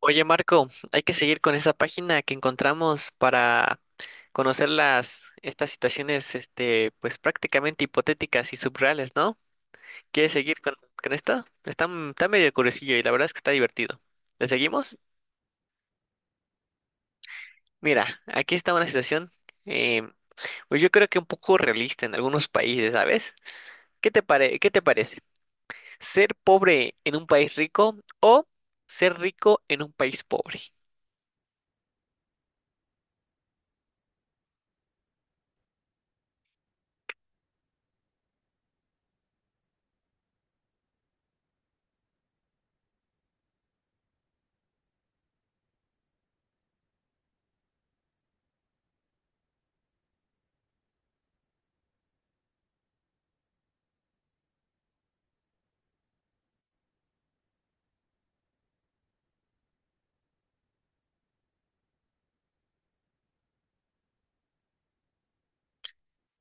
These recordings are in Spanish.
Oye, Marco, hay que seguir con esa página que encontramos para conocer las estas situaciones, este, pues prácticamente hipotéticas y subreales, ¿no? ¿Quieres seguir con esta? Está, está medio curiosillo y la verdad es que está divertido. ¿Le seguimos? Mira, aquí está una situación, eh, pues yo creo que un poco realista en algunos países, ¿sabes? ¿Qué te parece? ¿Ser pobre en un país rico o ser rico en un país pobre?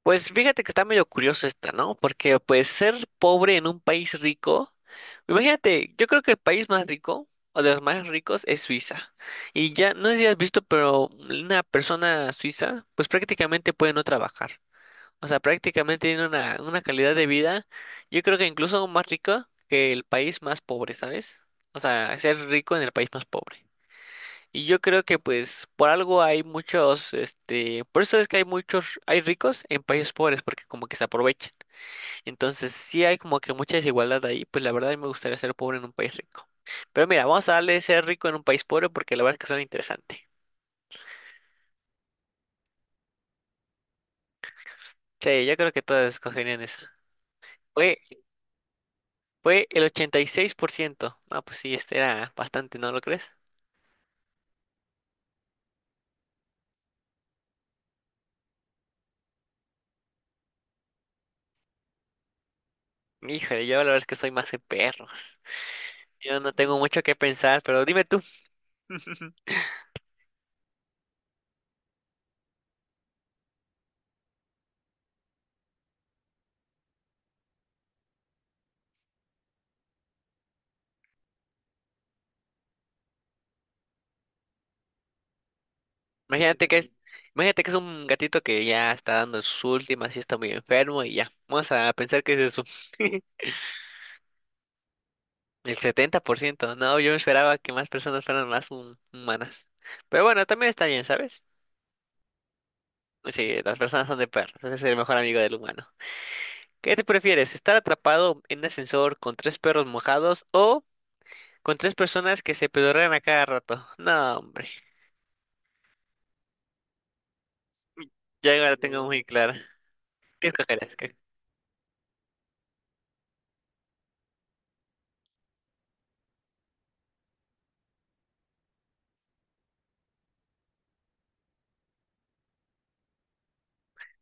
Pues fíjate que está medio curioso esta, ¿no? Porque pues ser pobre en un país rico, imagínate, yo creo que el país más rico o de los más ricos es Suiza. Y ya, no sé si has visto, pero una persona suiza pues prácticamente puede no trabajar. O sea, prácticamente tiene una calidad de vida, yo creo que incluso más rica que el país más pobre, ¿sabes? O sea, ser rico en el país más pobre. Y yo creo que pues por algo hay muchos, este, por eso es que hay muchos, hay ricos en países pobres, porque como que se aprovechan. Entonces sí hay como que mucha desigualdad ahí, pues la verdad a mí me gustaría ser pobre en un país rico. Pero mira, vamos a darle ser rico en un país pobre porque la verdad es que suena interesante. Sí, yo creo que todas escogerían eso. Fue, Fue el 86%. Ah, pues sí, este era bastante, ¿no lo crees? Híjole, yo la verdad es que soy más de perros. Yo no tengo mucho que pensar, pero dime tú. Imagínate que es, imagínate que es un gatito que ya está dando sus últimas y está muy enfermo y ya. Vamos a pensar que es eso. El 70%. No, yo esperaba que más personas fueran más humanas. Pero bueno, también está bien, ¿sabes? Sí, las personas son de perros. Ese es el mejor amigo del humano. ¿Qué te prefieres? ¿Estar atrapado en un ascensor con tres perros mojados o con tres personas que se pedorrean a cada rato? No, hombre. Ya la tengo mm muy clara. ¿Qué escogerás? ¿Qué-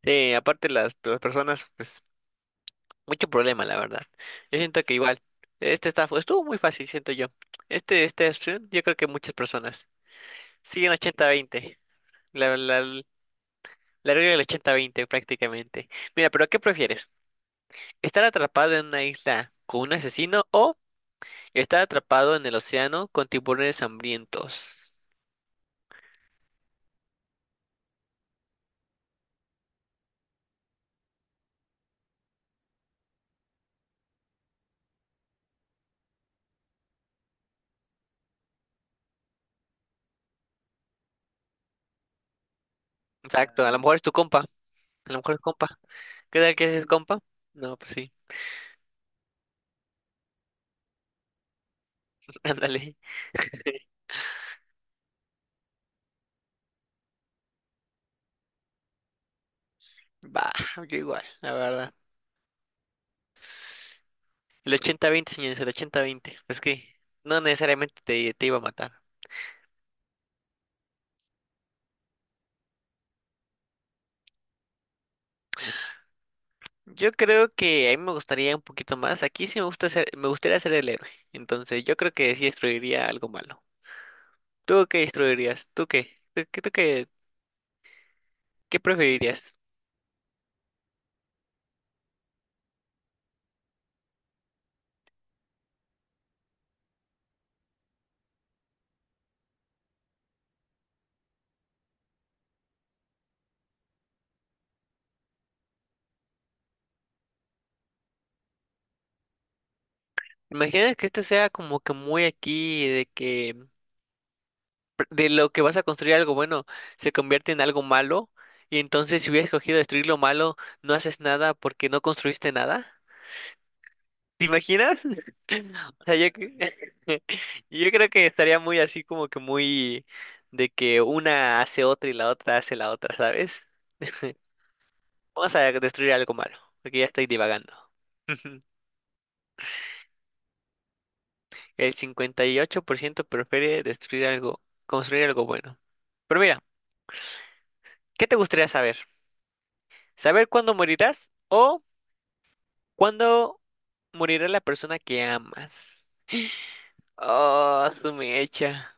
sí, aparte las personas, pues mucho problema, la verdad. Yo siento que igual, este está, estuvo muy fácil, siento yo. Este opción, yo creo que muchas personas siguen 80-20. La, la, la regla del 80-20 prácticamente. Mira, pero ¿qué prefieres? ¿Estar atrapado en una isla con un asesino o estar atrapado en el océano con tiburones hambrientos? Exacto, a lo mejor es tu compa, a lo mejor es compa. ¿Qué tal que es compa? No, pues sí, ándale. Va, yo igual, la verdad. El 80-20 señores, el 80-20. Pues que no necesariamente te iba a matar. Yo creo que a mí me gustaría un poquito más. Aquí sí me gusta ser, me gustaría ser el héroe. Entonces, yo creo que sí destruiría algo malo. ¿Tú qué destruirías? ¿Tú qué? ¿Tú, qué, tú qué qué preferirías? Imagina que este sea como que muy aquí de que pr- de lo que vas a construir algo bueno se convierte en algo malo y entonces si hubieras escogido destruir lo malo, no haces nada porque no construiste nada. ¿Te imaginas? O sea, yo creo que estaría muy así como que muy de que una hace otra y la otra hace la otra, ¿sabes? Vamos a destruir algo malo, porque ya estoy divagando. El 58% prefiere destruir algo, construir algo bueno. Pero mira, ¿qué te gustaría saber? ¿Saber cuándo morirás o cuándo morirá la persona que amas? Oh, su mecha.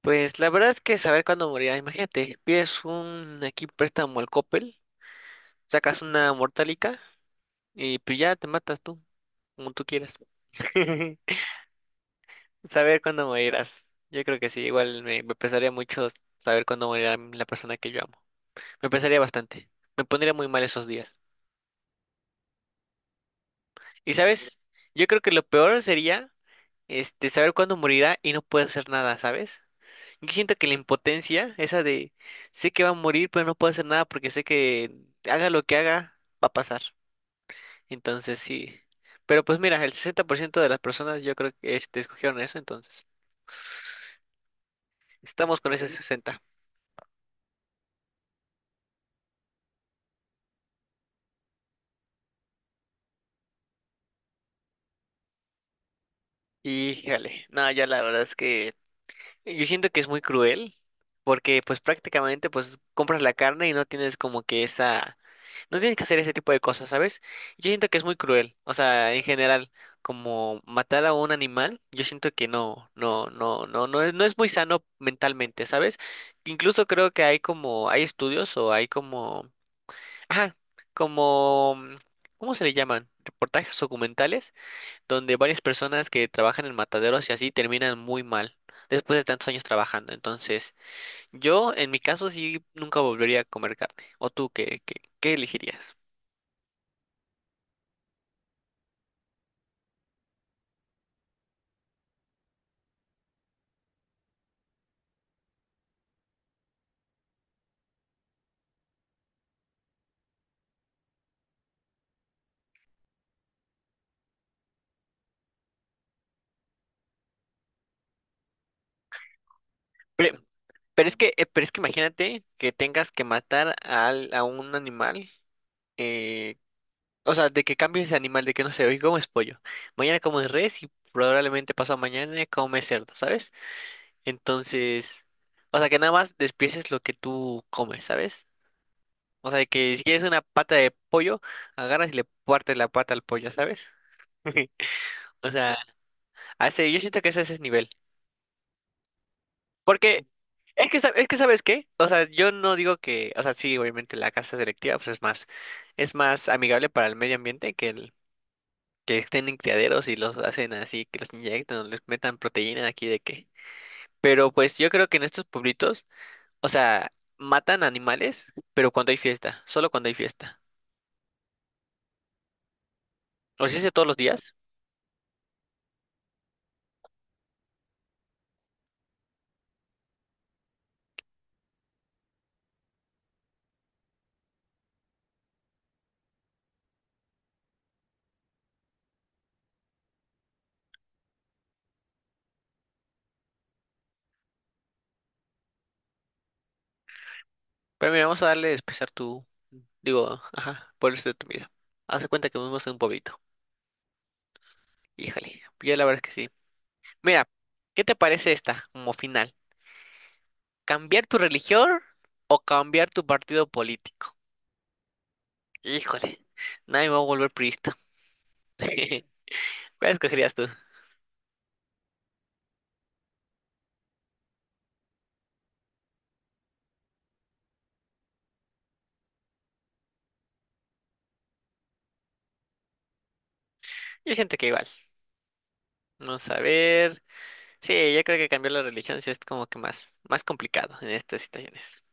Pues la verdad es que saber cuándo morirá, imagínate, pides un aquí préstamo al Coppel, sacas una mortálica y pues ya te matas tú, como tú quieras. Saber cuándo morirás. Yo creo que sí, igual me pesaría mucho saber cuándo morirá la persona que yo amo. Me pesaría bastante. Me pondría muy mal esos días. Y sabes, yo creo que lo peor sería este saber cuándo morirá y no puedes hacer nada, ¿sabes? Yo siento que la impotencia, esa de sé que va a morir, pero no puedo hacer nada porque sé que haga lo que haga, va a pasar. Entonces sí. Pero pues mira, el 60% de las personas yo creo que este, escogieron eso, entonces estamos con ese 60. Y jale, no, ya la verdad es que yo siento que es muy cruel porque pues prácticamente pues compras la carne y no tienes como que esa. No tienes que hacer ese tipo de cosas, ¿sabes? Yo siento que es muy cruel. O sea, en general, como matar a un animal, yo siento que no es, no es muy sano mentalmente, ¿sabes? Incluso creo que hay como, hay estudios o hay como, ajá, como, ¿cómo se le llaman? Reportajes documentales donde varias personas que trabajan en mataderos y así terminan muy mal después de tantos años trabajando. Entonces, yo en mi caso sí nunca volvería a comer carne. ¿O tú qué, qué, qué elegirías? Pero, pero es que imagínate que tengas que matar a un animal, eh, o sea, de que cambies de animal, de que no sé, hoy comes pollo, mañana comes res y probablemente pasado mañana comes cerdo, ¿sabes? Entonces, o sea, que nada más despieces lo que tú comes, ¿sabes? O sea, que si quieres una pata de pollo, agarras y le partes la pata al pollo, ¿sabes? O sea, a ese yo siento que es a ese nivel. Porque es que, es que ¿sabes qué? O sea, yo no digo que, o sea, sí, obviamente la casa selectiva pues es más amigable para el medio ambiente que el que estén en criaderos y los hacen así, que los inyectan o les metan proteína de aquí de qué. Pero pues yo creo que en estos pueblitos, o sea, matan animales, pero cuando hay fiesta, solo cuando hay fiesta. O si es de todos los días, pero mira, vamos a darle expresar tu, digo, ajá, por eso de tu vida. Haz de cuenta que vivimos en un pueblito. Híjole, yo la verdad es que sí. Mira, ¿qué te parece esta como final? ¿Cambiar tu religión o cambiar tu partido político? Híjole, nadie va a volver priista. ¿Cuál escogerías tú? Yo siento que igual. Vamos a ver. Sí, yo creo que cambiar la religión sí es como que más, más complicado en estas situaciones.